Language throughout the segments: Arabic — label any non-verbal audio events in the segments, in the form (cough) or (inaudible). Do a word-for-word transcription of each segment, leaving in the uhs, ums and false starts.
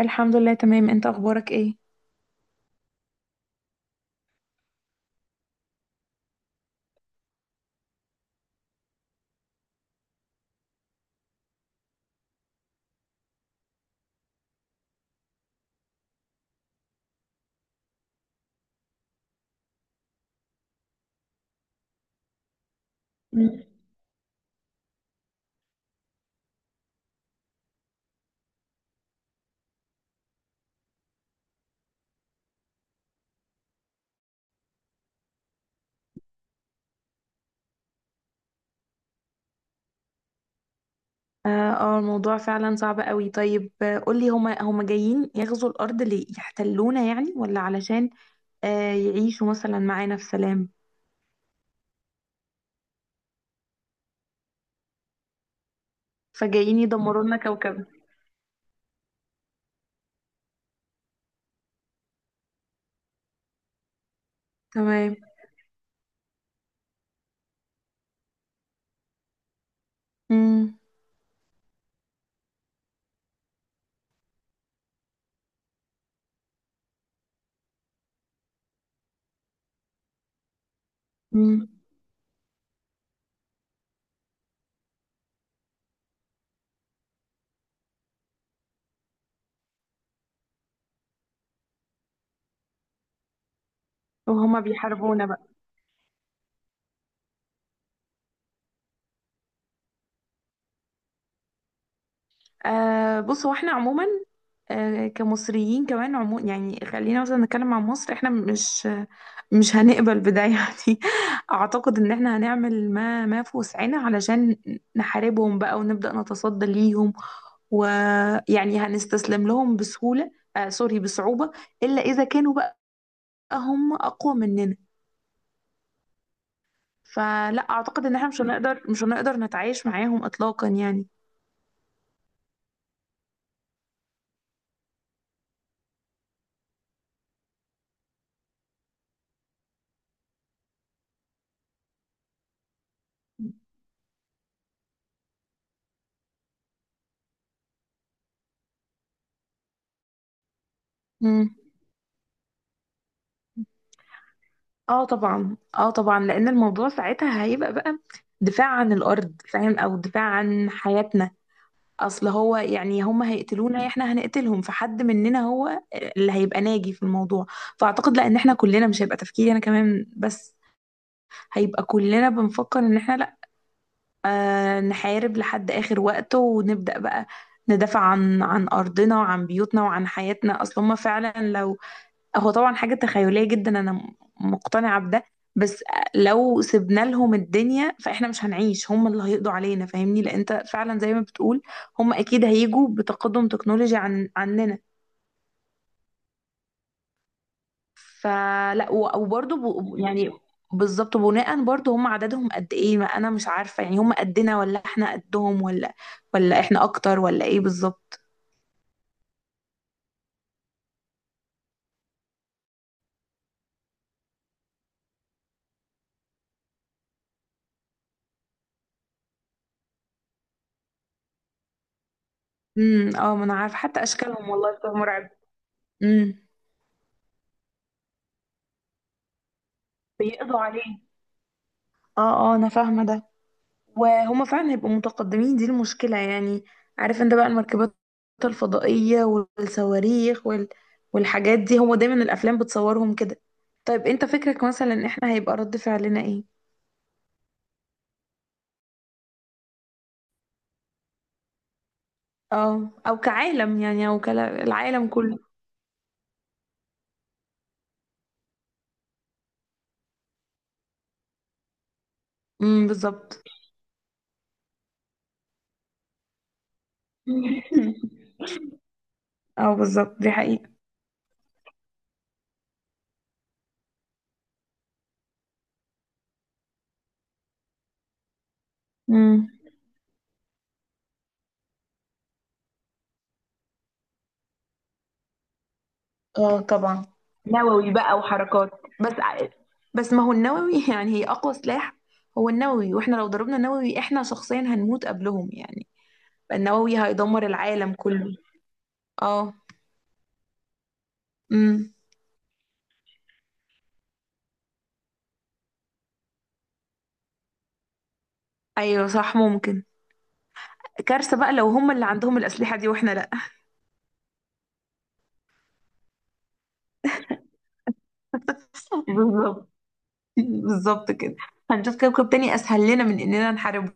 الحمد لله، تمام. انت اخبارك ايه؟ اه آه، الموضوع فعلا صعب قوي. طيب، آه، قولي، هما هما جايين يغزوا الارض ليه؟ يحتلونا يعني، ولا علشان آه يعيشوا مثلا معانا في سلام؟ فجايين يدمروا لنا كوكبنا؟ تمام. امم. امم. وهما بيحاربونا بقى؟ آه بص، هو احنا عموما، آه كمصريين كمان عموما يعني، خلينا مثلا نتكلم عن مصر، احنا مش مش هنقبل بده (laughs) يعني. اعتقد ان احنا هنعمل ما ما في وسعنا علشان نحاربهم بقى، ونبدأ نتصدى ليهم. ويعني هنستسلم لهم بسهولة؟ آه سوري، بصعوبة. إلا إذا كانوا بقى هم أقوى مننا. فلا، أعتقد إن احنا مش هنقدر مش هنقدر نتعايش معاهم إطلاقا يعني. مم. اه طبعا، اه طبعا، لان الموضوع ساعتها هيبقى بقى دفاع عن الارض، فاهم؟ او دفاع عن حياتنا. اصل هو يعني، هم هيقتلونا، احنا هنقتلهم، فحد مننا هو اللي هيبقى ناجي في الموضوع. فاعتقد لا، ان احنا كلنا مش هيبقى تفكيري انا كمان بس، هيبقى كلنا بنفكر ان احنا لا، آه نحارب لحد اخر وقت، ونبدأ بقى ندافع عن عن ارضنا، وعن بيوتنا، وعن حياتنا. اصل هم فعلا لو... هو طبعا حاجة تخيلية جدا، أنا م- مقتنعة بده. بس لو سيبنا لهم الدنيا فإحنا مش هنعيش، هم اللي هيقضوا علينا، فاهمني؟ لأن أنت فعلا زي ما بتقول، هم أكيد هيجوا بتقدم تكنولوجي عن عننا. فلا، و- وبرضه ب- يعني، بالظبط، بناء برضه هم عددهم قد إيه؟ ما أنا مش عارفة يعني، هم قدنا ولا إحنا قدهم، ولا ولا إحنا أكتر، ولا إيه بالظبط؟ امم. اه، ما أنا عارفة حتى أشكالهم والله بتبقى مرعبة. امم. بيقضوا عليه. اه اه، أنا فاهمة ده، وهما فعلا هيبقوا متقدمين، دي المشكلة يعني. عارف انت بقى المركبات الفضائية والصواريخ وال... والحاجات دي، هما دايما الأفلام بتصورهم كده. طيب انت فكرك مثلا احنا هيبقى رد فعلنا ايه؟ اه، او كعالم يعني، او كالعالم كله. امم. بالظبط. (laughs) اه بالظبط، دي حقيقة. امم. اه طبعا. نووي بقى وحركات، بس ع- بس ما هو النووي (laughs) يعني، هي أقوى سلاح. هو النووي، واحنا لو ضربنا نووي احنا شخصيا هنموت قبلهم يعني. النووي هيدمر العالم كله. اه. امم. ايوه صح، ممكن. كارثة بقى لو هم اللي عندهم الأسلحة دي واحنا لا. (laughs) بالظبط، بالظبط كده. هنشوف كوكب تاني أسهل لنا من إننا نحاربهم.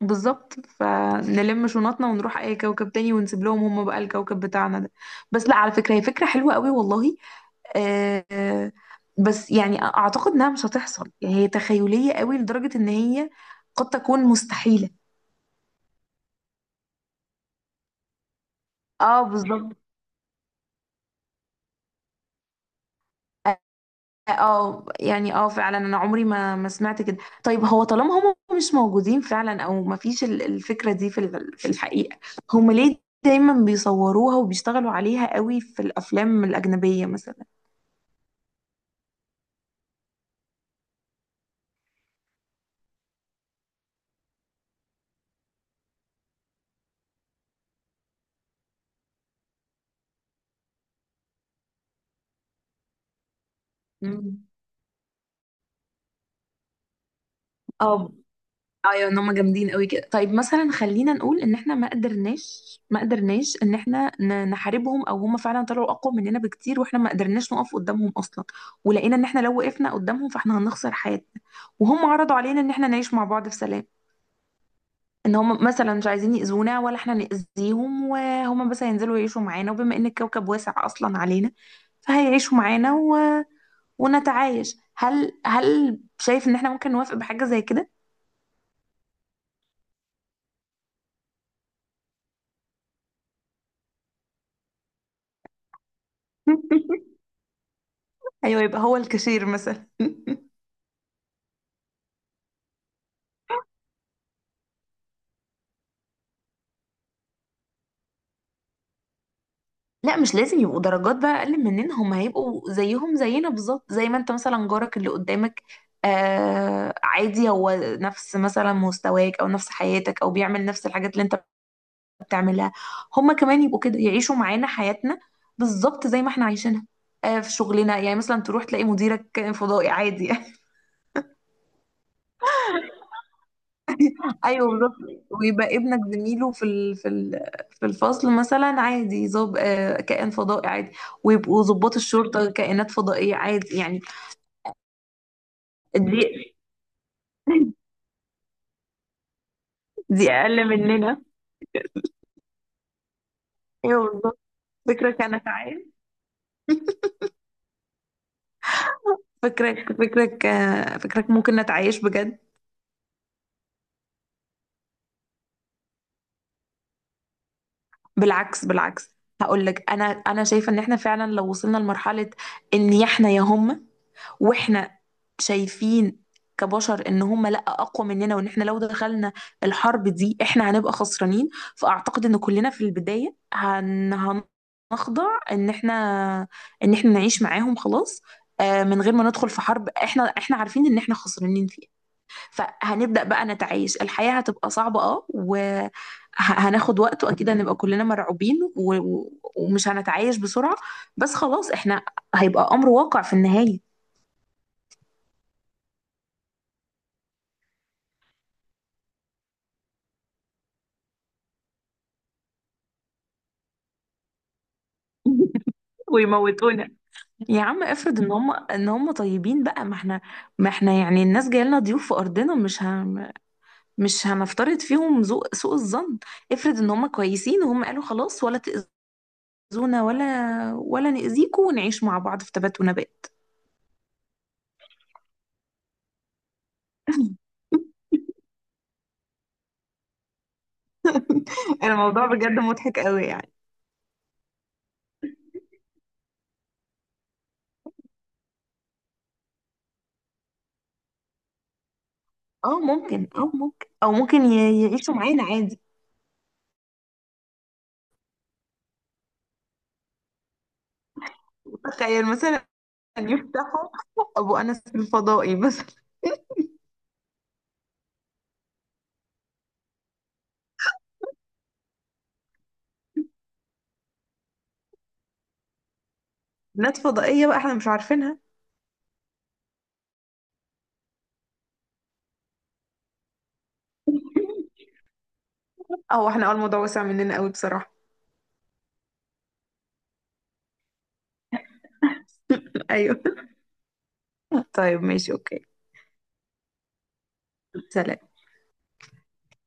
بالظبط، فنلم شنطنا ونروح أي كوكب تاني، ونسيب لهم هم بقى الكوكب بتاعنا ده. بس لا، على فكرة هي فكرة حلوة قوي والله. آه آه، بس يعني أعتقد إنها مش هتحصل يعني، هي تخيلية قوي لدرجة إن هي قد تكون مستحيلة. اه بالظبط. اه يعني، اه فعلا انا عمري ما ما سمعت كده. طيب هو طالما هم مش موجودين فعلا، او ما فيش ال- الفكره دي في ال- في الحقيقه، هم ليه دايما بيصوروها وبيشتغلوا عليها قوي في الافلام الاجنبيه مثلا؟ مم. اه ايوه، ان هم جامدين قوي كده. طيب مثلا خلينا نقول ان احنا ما قدرناش ما قدرناش ان احنا ن- نحاربهم، او هم فعلا طلعوا اقوى مننا بكتير، واحنا ما قدرناش نقف قدامهم اصلا، ولقينا ان احنا لو وقفنا قدامهم فاحنا هنخسر حياتنا. وهم عرضوا علينا ان احنا نعيش مع بعض في سلام، ان هم مثلا مش عايزين يأذونا ولا احنا نأذيهم، وهم بس هينزلوا يعيشوا معانا، وبما ان الكوكب واسع اصلا علينا فهيعيشوا معانا و... ونتعايش. هل هل شايف ان احنا ممكن نوافق بحاجة زي كده؟ (laughs) ايوه، يبقى هو الكاشير مثلا. (laughs) لا، مش لازم يبقوا درجات بقى اقل مننا، هم هيبقوا زيهم زينا بالظبط، زي ما انت مثلا جارك اللي قدامك، آه عادي، هو نفس مثلا مستواك، او نفس حياتك، او بيعمل نفس الحاجات اللي انت بتعملها. هم كمان يبقوا كده، يعيشوا معانا حياتنا بالظبط زي ما احنا عايشينها. آه في شغلنا يعني، مثلا تروح تلاقي مديرك فضائي، عادي (laughs) يعني. ايوه بالظبط. ويبقى ابنك زميله في ال... في ال... في الفصل مثلا، عادي، ظاب آه كائن فضائي عادي. ويبقوا ضباط الشرطة كائنات فضائية، عادي يعني. دي (laughs) دي اقل مننا. ايوه بالظبط. فكرك انا... تعال (laughs) فكرك فكرك آه، فكرك ممكن نتعايش بجد؟ بالعكس بالعكس، هقول لك، انا انا شايفه ان احنا فعلا لو وصلنا لمرحله ان احنا يا هم، واحنا شايفين كبشر ان هم لا اقوى مننا، وان احنا لو دخلنا الحرب دي احنا هنبقى خسرانين، فاعتقد ان كلنا في البدايه هن هنخضع ان احنا ان احنا نعيش معاهم خلاص، آه، من غير ما ندخل في حرب احنا احنا عارفين ان احنا خسرانين فيها، فهنبدأ بقى نتعايش. الحياة هتبقى صعبة اه، وهناخد وقت، واكيد هنبقى كلنا مرعوبين و... و- ومش هنتعايش بسرعة، بس خلاص احنا هيبقى امر واقع في النهاية. (laughs) ويموتونا. يا عم افرض ان هم ان هم طيبين بقى، ما احنا ما احنا يعني، الناس جايه لنا ضيوف في ارضنا، مش ه... مش هنفترض فيهم ذوق سوء الظن. افرض ان هم كويسين، وهم قالوا خلاص ولا تأذونا ولا ولا نأذيكوا، ونعيش مع بعض في تبات ونبات. الموضوع بجد مضحك قوي يعني. اه ممكن، اه ممكن، او ممكن ي- يعيشوا معانا عادي. تخيل مثلا، يفتحوا ابو انس الفضائي مثلا. بنات فضائية بقى احنا مش عارفينها. او احنا اه، الموضوع وسع مننا قوي بصراحة. (laughs) ايوه. طيب ماشي، اوكي. سلام.